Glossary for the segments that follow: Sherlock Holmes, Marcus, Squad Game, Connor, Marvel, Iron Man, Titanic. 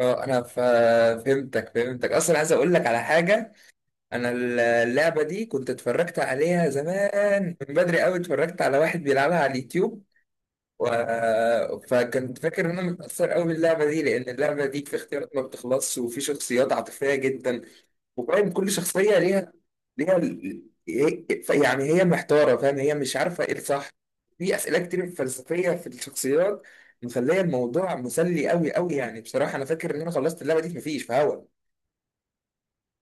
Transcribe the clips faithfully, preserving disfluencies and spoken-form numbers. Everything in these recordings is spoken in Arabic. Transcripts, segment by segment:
اه انا ف- فهمتك فهمتك اصلا عايز اقول لك على حاجه. انا ال- اللعبه دي كنت اتفرجت عليها زمان من بدري قوي، اتفرجت على واحد بيلعبها على اليوتيوب و... فكنت فاكر ان انا متاثر قوي باللعبه دي، لان اللعبه دي في اختيارات ما بتخلصش وفي شخصيات عاطفيه جدا، وفاهم كل شخصية ليها ليها ال- هي- ف- يعني هي محتارة، فاهم، هي مش عارفة ايه الصح. في أسئلة كتير فلسفية في الشخصيات، مخلية الموضوع مسلي قوي قوي. يعني بصراحة أنا فاكر إن أنا خلصت اللعبة دي مفيش في هوا.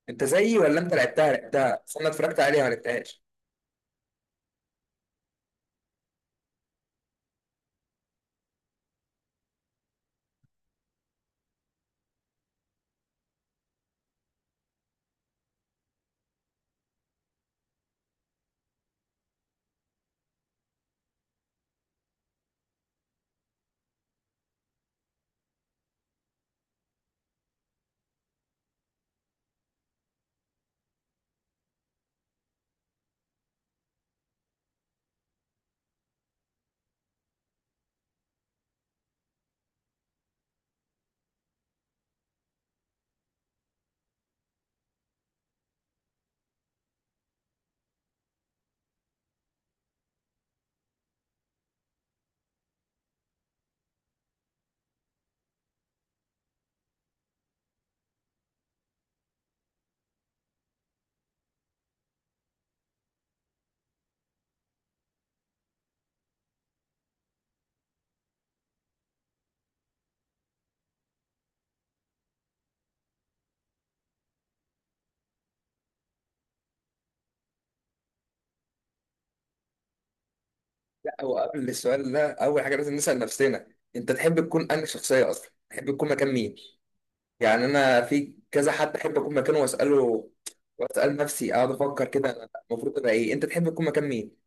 أنت زيي ولا أنت لعبتها لعبتها بس أنا اتفرجت عليها ما لعبتهاش. لا، هو قبل السؤال ده أول حاجة لازم نسأل نفسنا، أنت تحب تكون أنهي شخصية أصلا، تحب تكون مكان مين؟ يعني أنا في كذا حد أحب أكون مكانه وأسأله وأسأل نفسي، أقعد أفكر كده أنا المفروض أبقى إيه. أنت تحب تكون مكان مين؟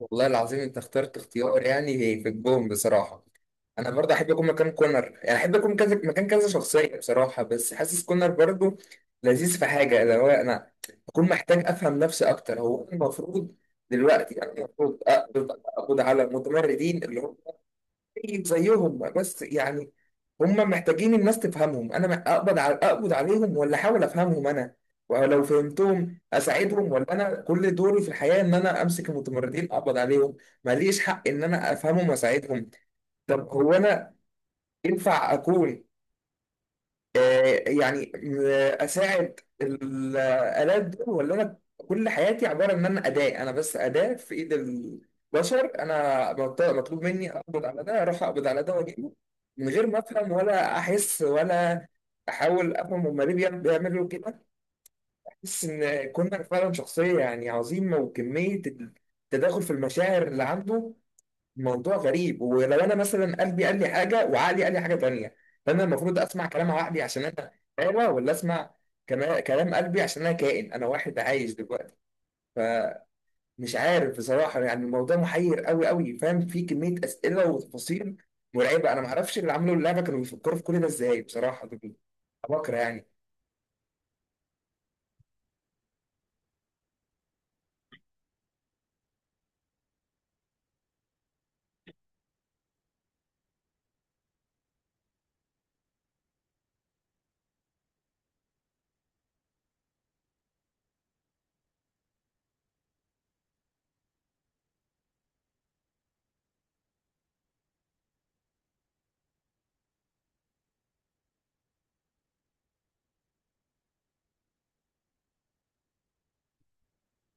والله العظيم انت اخترت اختيار يعني في الجون بصراحه. انا برضه احب اكون مكان كونر، يعني احب اكون كذا مكان كذا شخصيه بصراحه، بس حاسس كونر برضه لذيذ في حاجه، اللي هو انا اكون محتاج افهم نفسي اكتر. هو أنا المفروض دلوقتي، انا المفروض اقبض أقبض على المتمردين اللي هم زيك زيهم، بس يعني هم محتاجين الناس تفهمهم. انا اقبض على اقبض عليهم ولا احاول افهمهم؟ انا ولو فهمتهم اساعدهم، ولا انا كل دوري في الحياه ان انا امسك المتمردين اقبض عليهم، ماليش حق ان انا افهمهم واساعدهم؟ طب هو انا ينفع اكون آه، يعني آه، اساعد الالات دول، ولا انا كل حياتي عباره ان انا اداه، انا بس اداه في ايد البشر، انا مط- مطلوب مني اقبض على ده، اروح اقبض على ده واجيبه من غير ما افهم ولا احس ولا احاول افهم هما ليه بيعم- بيعملوا كده. احس ان كونر فعلا شخصيه يعني عظيمه، وكميه التداخل في المشاعر اللي عنده موضوع غريب. ولو انا مثلا قلبي قال لي حاجه وعقلي قال لي حاجه تانيه، فانا المفروض اسمع كلام عقلي عشان انا حيوه، ولا اسمع كما- كلام قلبي عشان انا كائن، انا واحد عايش دلوقتي؟ فمش عارف بصراحه، يعني الموضوع محير قوي قوي، فاهم، في كميه اسئله وتفاصيل مرعبه. انا ما اعرفش اللي عملوا اللعبه كانوا بيفكروا في كل ده ازاي بصراحه، دول بكره يعني.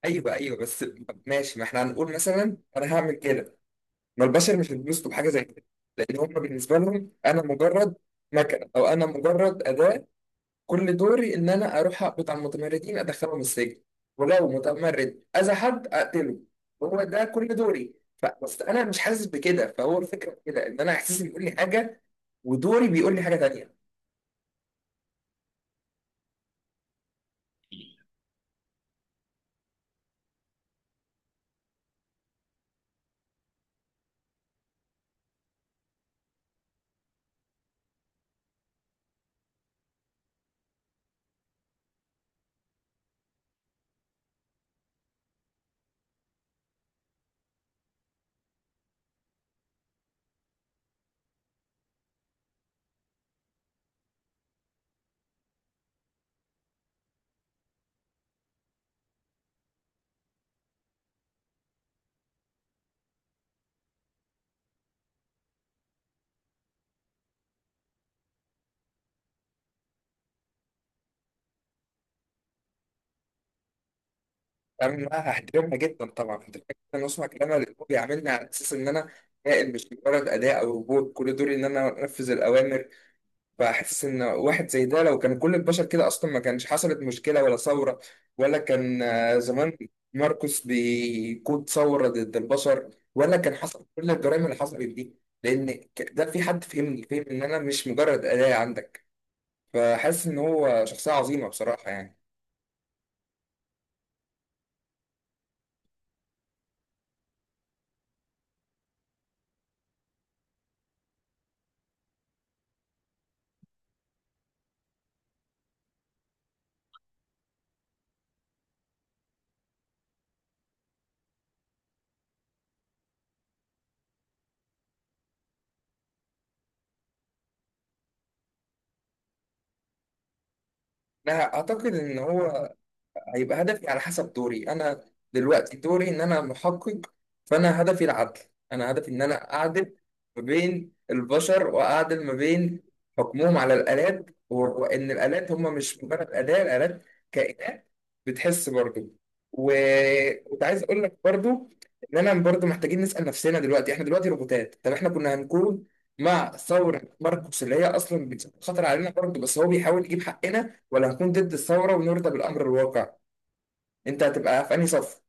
ايوه، ايوه، بس ماشي، ما احنا هنقول مثلا انا هعمل كده، ما البشر مش هيتبسطوا بحاجه زي كده، لان هم بالنسبه لهم انا مجرد مكنه، او انا مجرد اداه، كل دوري ان انا اروح اقبض على المتمردين ادخلهم السجن، ولو متمرد اذى حد اقتله، هو ده كل دوري. ف- بس انا مش حاسس بكده، فهو الفكره في كده ان انا احساسي بيقول لي حاجه، ودوري بيقول لي حاجه تانيه. انا بقى هحترمها جدا، طبعا هحترمها جدا واسمع كلامها، اللي هو بيعاملني على اساس ان انا كائن مش مجرد اداء او روبوت كل دوري ان انا انفذ الاوامر. فحاسس ان واحد زي ده لو كان كل البشر كده، اصلا ما كانش حصلت مشكله ولا ثوره، ولا كان آه، زمان ماركوس بيقود ثوره ضد البشر، ولا كان حصل كل الجرائم اللي حصلت دي، لان ك- ده في حد فهمني، فهم ان انا مش مجرد اداه عندك. فحاسس ان هو شخصيه عظيمه بصراحه يعني. انا اعتقد ان هو هيبقى هدفي على حسب دوري. انا دلوقتي دوري ان انا محقق، فانا هدفي العدل، انا هدفي ان انا اعدل ما بين البشر، واعدل ما بين حكمهم على الالات، و- وان الالات هم مش مجرد اداه، الالات كائنات بتحس برضه. وكنت عايز اقول لك برضه ان انا برضه محتاجين نسال نفسنا، دلوقتي احنا دلوقتي روبوتات، طب احنا كنا هنكون مع ثوره ماركوس اللي هي اصلا بتخطر علينا برضه، بس هو بيحاول يجيب حقنا، ولا هنكون ضد الثورة ونرضى بالأمر الواقع؟ انت هتبقى في انهي صف؟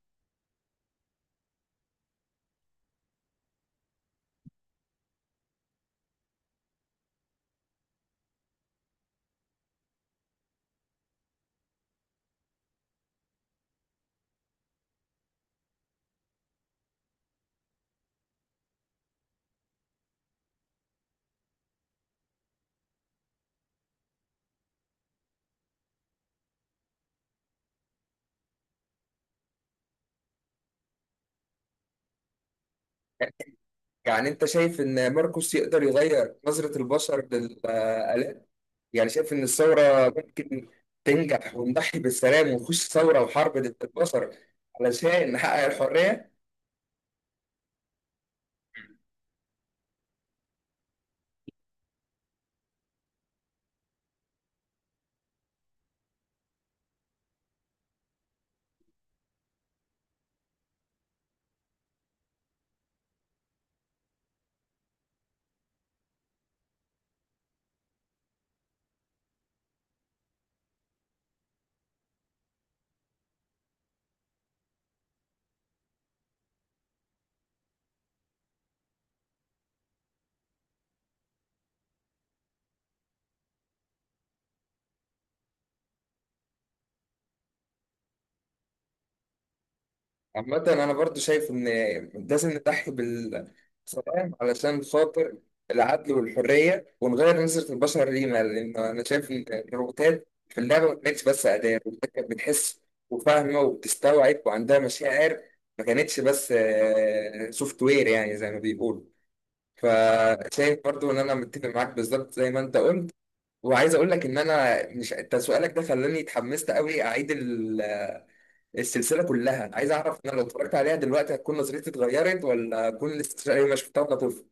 يعني انت شايف ان ماركوس يقدر يغير نظرة البشر للآلات، يعني شايف ان الثورة ممكن تنجح ونضحي بالسلام ونخش ثورة وحرب ضد البشر علشان نحقق الحرية؟ عامة أنا برضو شايف إن لازم نضحي بالسلام علشان خاطر العدل والحرية، ونغير نظرة البشر لينا، لأن أنا شايف إن الروبوتات في اللعبة ما كانتش بس أداة، الروبوتات كانت بتحس وفاهمة وبتستوعب وعندها مشاعر، ما كانتش بس سوفت وير يعني زي ما بيقولوا. فشايف برضو إن أنا متفق معاك بالظبط زي ما أنت قلت. وعايز أقول لك إن أنا مش، أنت سؤالك ده خلاني اتحمست أوي أعيد ال... السلسله كلها، عايز اعرف انا لو اتفرجت عليها دلوقتي هتكون نظرتي اتغيرت، ولا اكون لسه شايف ما شفتها وانا طفل.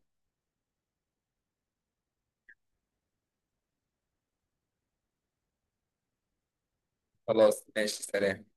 خلاص ماشي، سلام.